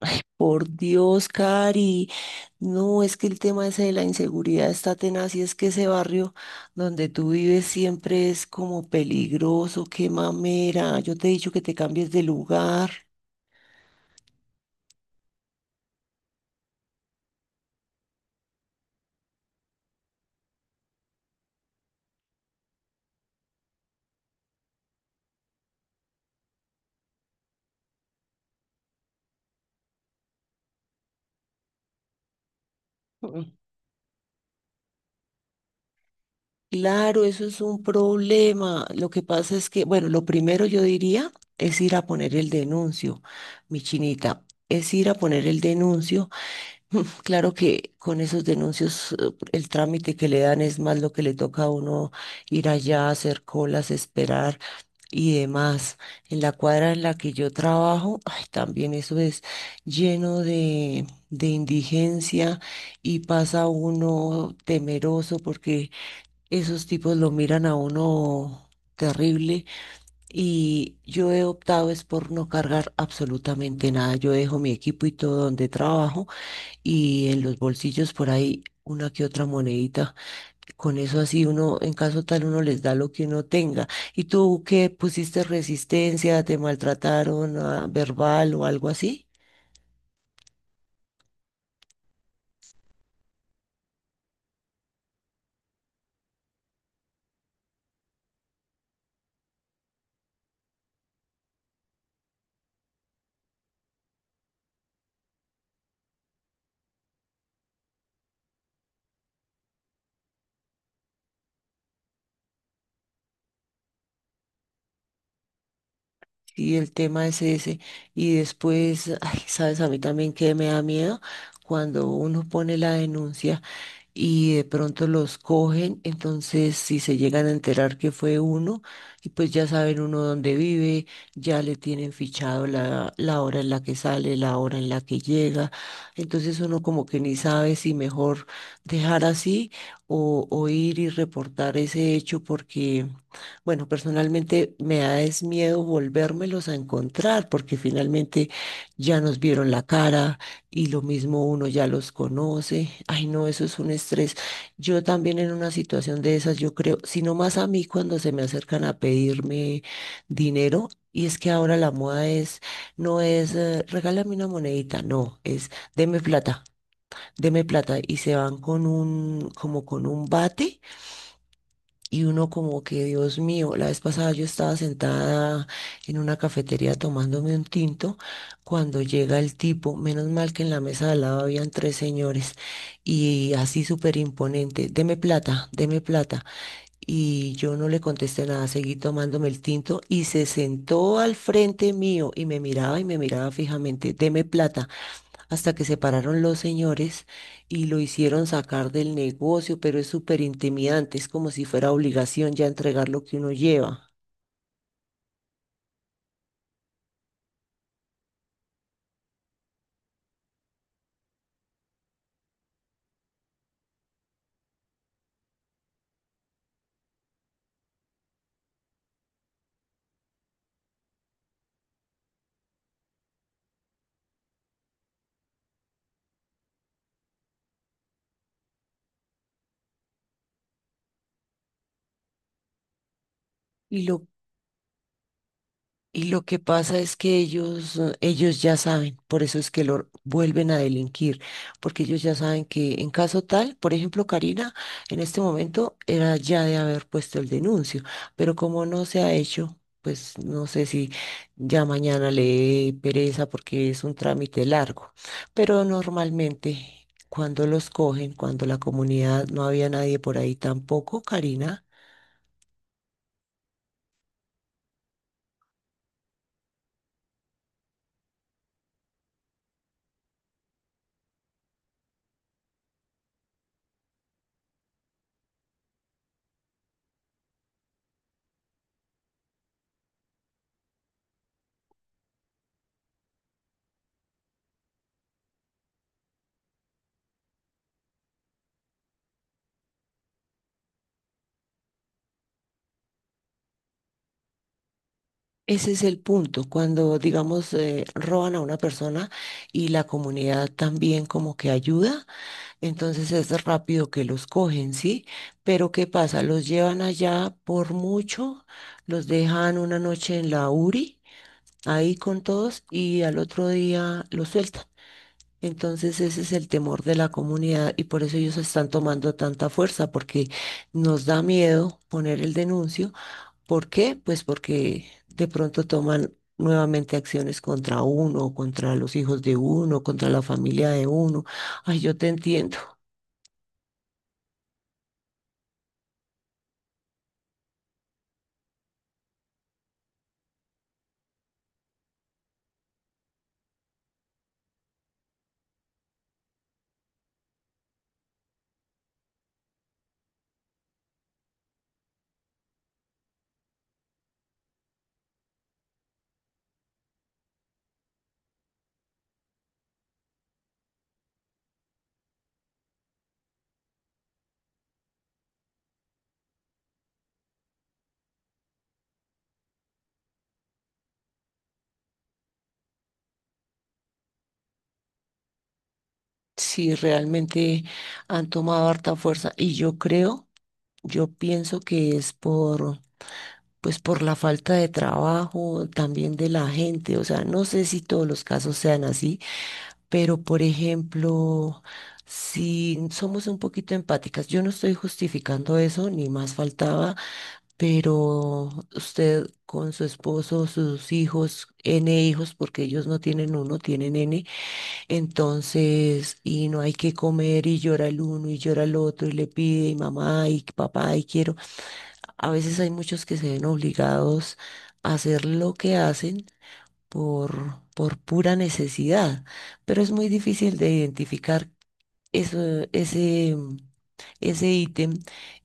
Ay, por Dios, Cari. No, es que el tema ese de la inseguridad está tenaz y es que ese barrio donde tú vives siempre es como peligroso, qué mamera. Yo te he dicho que te cambies de lugar. Mm. Claro, eso es un problema. Lo que pasa es que, bueno, lo primero yo diría es ir a poner el denuncio, mi chinita, es ir a poner el denuncio. Claro que con esos denuncios el trámite que le dan es más lo que le toca a uno ir allá, hacer colas, esperar y demás. En la cuadra en la que yo trabajo, ay, también eso es lleno de indigencia y pasa uno temeroso porque esos tipos lo miran a uno terrible, y yo he optado es por no cargar absolutamente nada. Yo dejo mi equipo y todo donde trabajo y en los bolsillos por ahí una que otra monedita. Con eso así uno, en caso tal, uno les da lo que uno tenga. ¿Y tú qué pusiste resistencia? ¿Te maltrataron ah, verbal o algo así? Y el tema es ese. Y después, ay, sabes, a mí también que me da miedo cuando uno pone la denuncia y de pronto los cogen, entonces si se llegan a enterar que fue uno, y pues ya saben uno dónde vive, ya le tienen fichado la hora en la que sale, la hora en la que llega, entonces uno como que ni sabe si mejor dejar así o ir y reportar ese hecho porque, bueno, personalmente me da es miedo volvérmelos a encontrar porque finalmente ya nos vieron la cara y lo mismo uno ya los conoce. Ay, no, eso es un estrés. Yo también en una situación de esas, yo creo, sino más a mí cuando se me acercan a pedirme dinero, y es que ahora la moda es, no es, regálame una monedita, no, es, deme plata, deme plata. Y se van con un, como con un bate, y uno como que, Dios mío, la vez pasada yo estaba sentada en una cafetería tomándome un tinto cuando llega el tipo, menos mal que en la mesa de al lado habían tres señores, y así súper imponente, deme plata, deme plata. Y yo no le contesté nada, seguí tomándome el tinto y se sentó al frente mío y me miraba fijamente, deme plata, hasta que se pararon los señores y lo hicieron sacar del negocio, pero es súper intimidante, es como si fuera obligación ya entregar lo que uno lleva. Y lo Y lo que pasa es que ellos, ellos ya saben, por eso es que lo vuelven a delinquir, porque ellos ya saben que en caso tal, por ejemplo, Karina, en este momento era ya de haber puesto el denuncio, pero como no se ha hecho, pues no sé si ya mañana le dé pereza porque es un trámite largo, pero normalmente cuando los cogen, cuando la comunidad no había nadie por ahí tampoco, Karina. Ese es el punto, cuando digamos roban a una persona y la comunidad también como que ayuda, entonces es rápido que los cogen, ¿sí? Pero ¿qué pasa? Los llevan allá por mucho, los dejan una noche en la URI, ahí con todos y al otro día los sueltan. Entonces ese es el temor de la comunidad y por eso ellos están tomando tanta fuerza, porque nos da miedo poner el denuncio. ¿Por qué? Pues porque de pronto toman nuevamente acciones contra uno, contra los hijos de uno, contra la familia de uno. Ay, yo te entiendo. Sí, realmente han tomado harta fuerza y yo creo, yo pienso que es por, pues por la falta de trabajo también de la gente. O sea, no sé si todos los casos sean así, pero por ejemplo, si somos un poquito empáticas, yo no estoy justificando eso, ni más faltaba. Pero usted con su esposo, sus hijos, N hijos, porque ellos no tienen uno, tienen N, entonces, y no hay que comer y llora el uno y llora el otro y le pide y mamá y papá y quiero. A veces hay muchos que se ven obligados a hacer lo que hacen por pura necesidad, pero es muy difícil de identificar eso, ese, ese ítem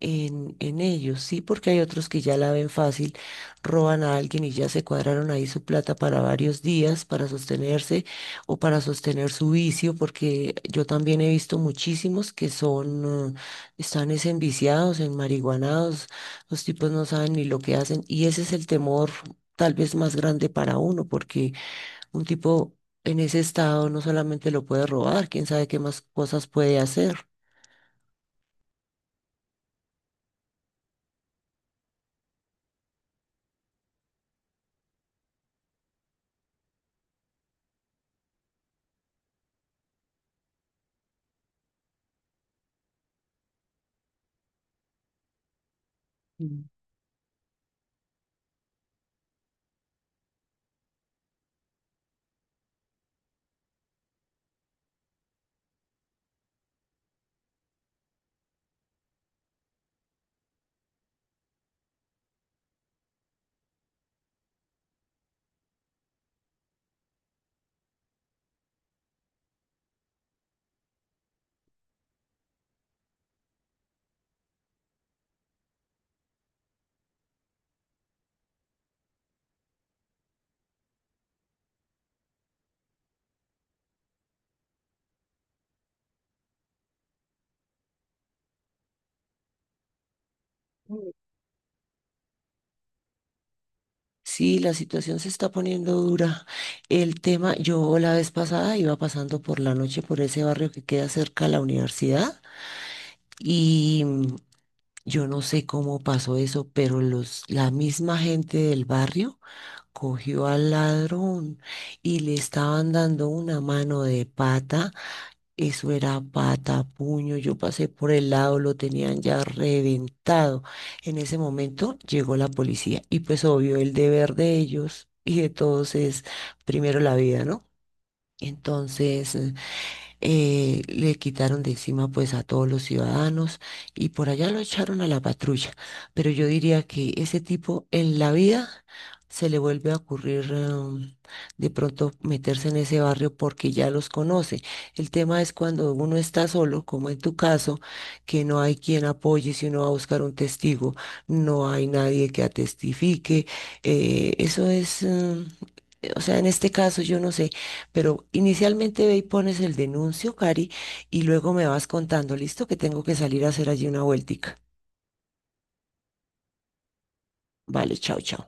en ellos, ¿sí? Porque hay otros que ya la ven fácil, roban a alguien y ya se cuadraron ahí su plata para varios días, para sostenerse o para sostener su vicio, porque yo también he visto muchísimos que son, están es enviciados, enmariguanados, los tipos no saben ni lo que hacen y ese es el temor tal vez más grande para uno, porque un tipo en ese estado no solamente lo puede robar, quién sabe qué más cosas puede hacer. Mm. Sí, la situación se está poniendo dura. El tema, yo la vez pasada iba pasando por la noche por ese barrio que queda cerca a la universidad. Y yo no sé cómo pasó eso, pero los, la misma gente del barrio cogió al ladrón y le estaban dando una mano de pata. Eso era pata, puño. Yo pasé por el lado, lo tenían ya reventado. En ese momento llegó la policía y pues obvio el deber de ellos y de todos es primero la vida, ¿no? Entonces le quitaron de encima pues a todos los ciudadanos y por allá lo echaron a la patrulla. Pero yo diría que ese tipo en la vida se le vuelve a ocurrir de pronto meterse en ese barrio porque ya los conoce. El tema es cuando uno está solo, como en tu caso, que no hay quien apoye si uno va a buscar un testigo, no hay nadie que atestifique. eh, eso es... em, o sea, en este caso yo no sé, pero inicialmente ve y pones el denuncio, Cari, y luego me vas contando, listo, que tengo que salir a hacer allí una vueltica. Vale, chao, chao.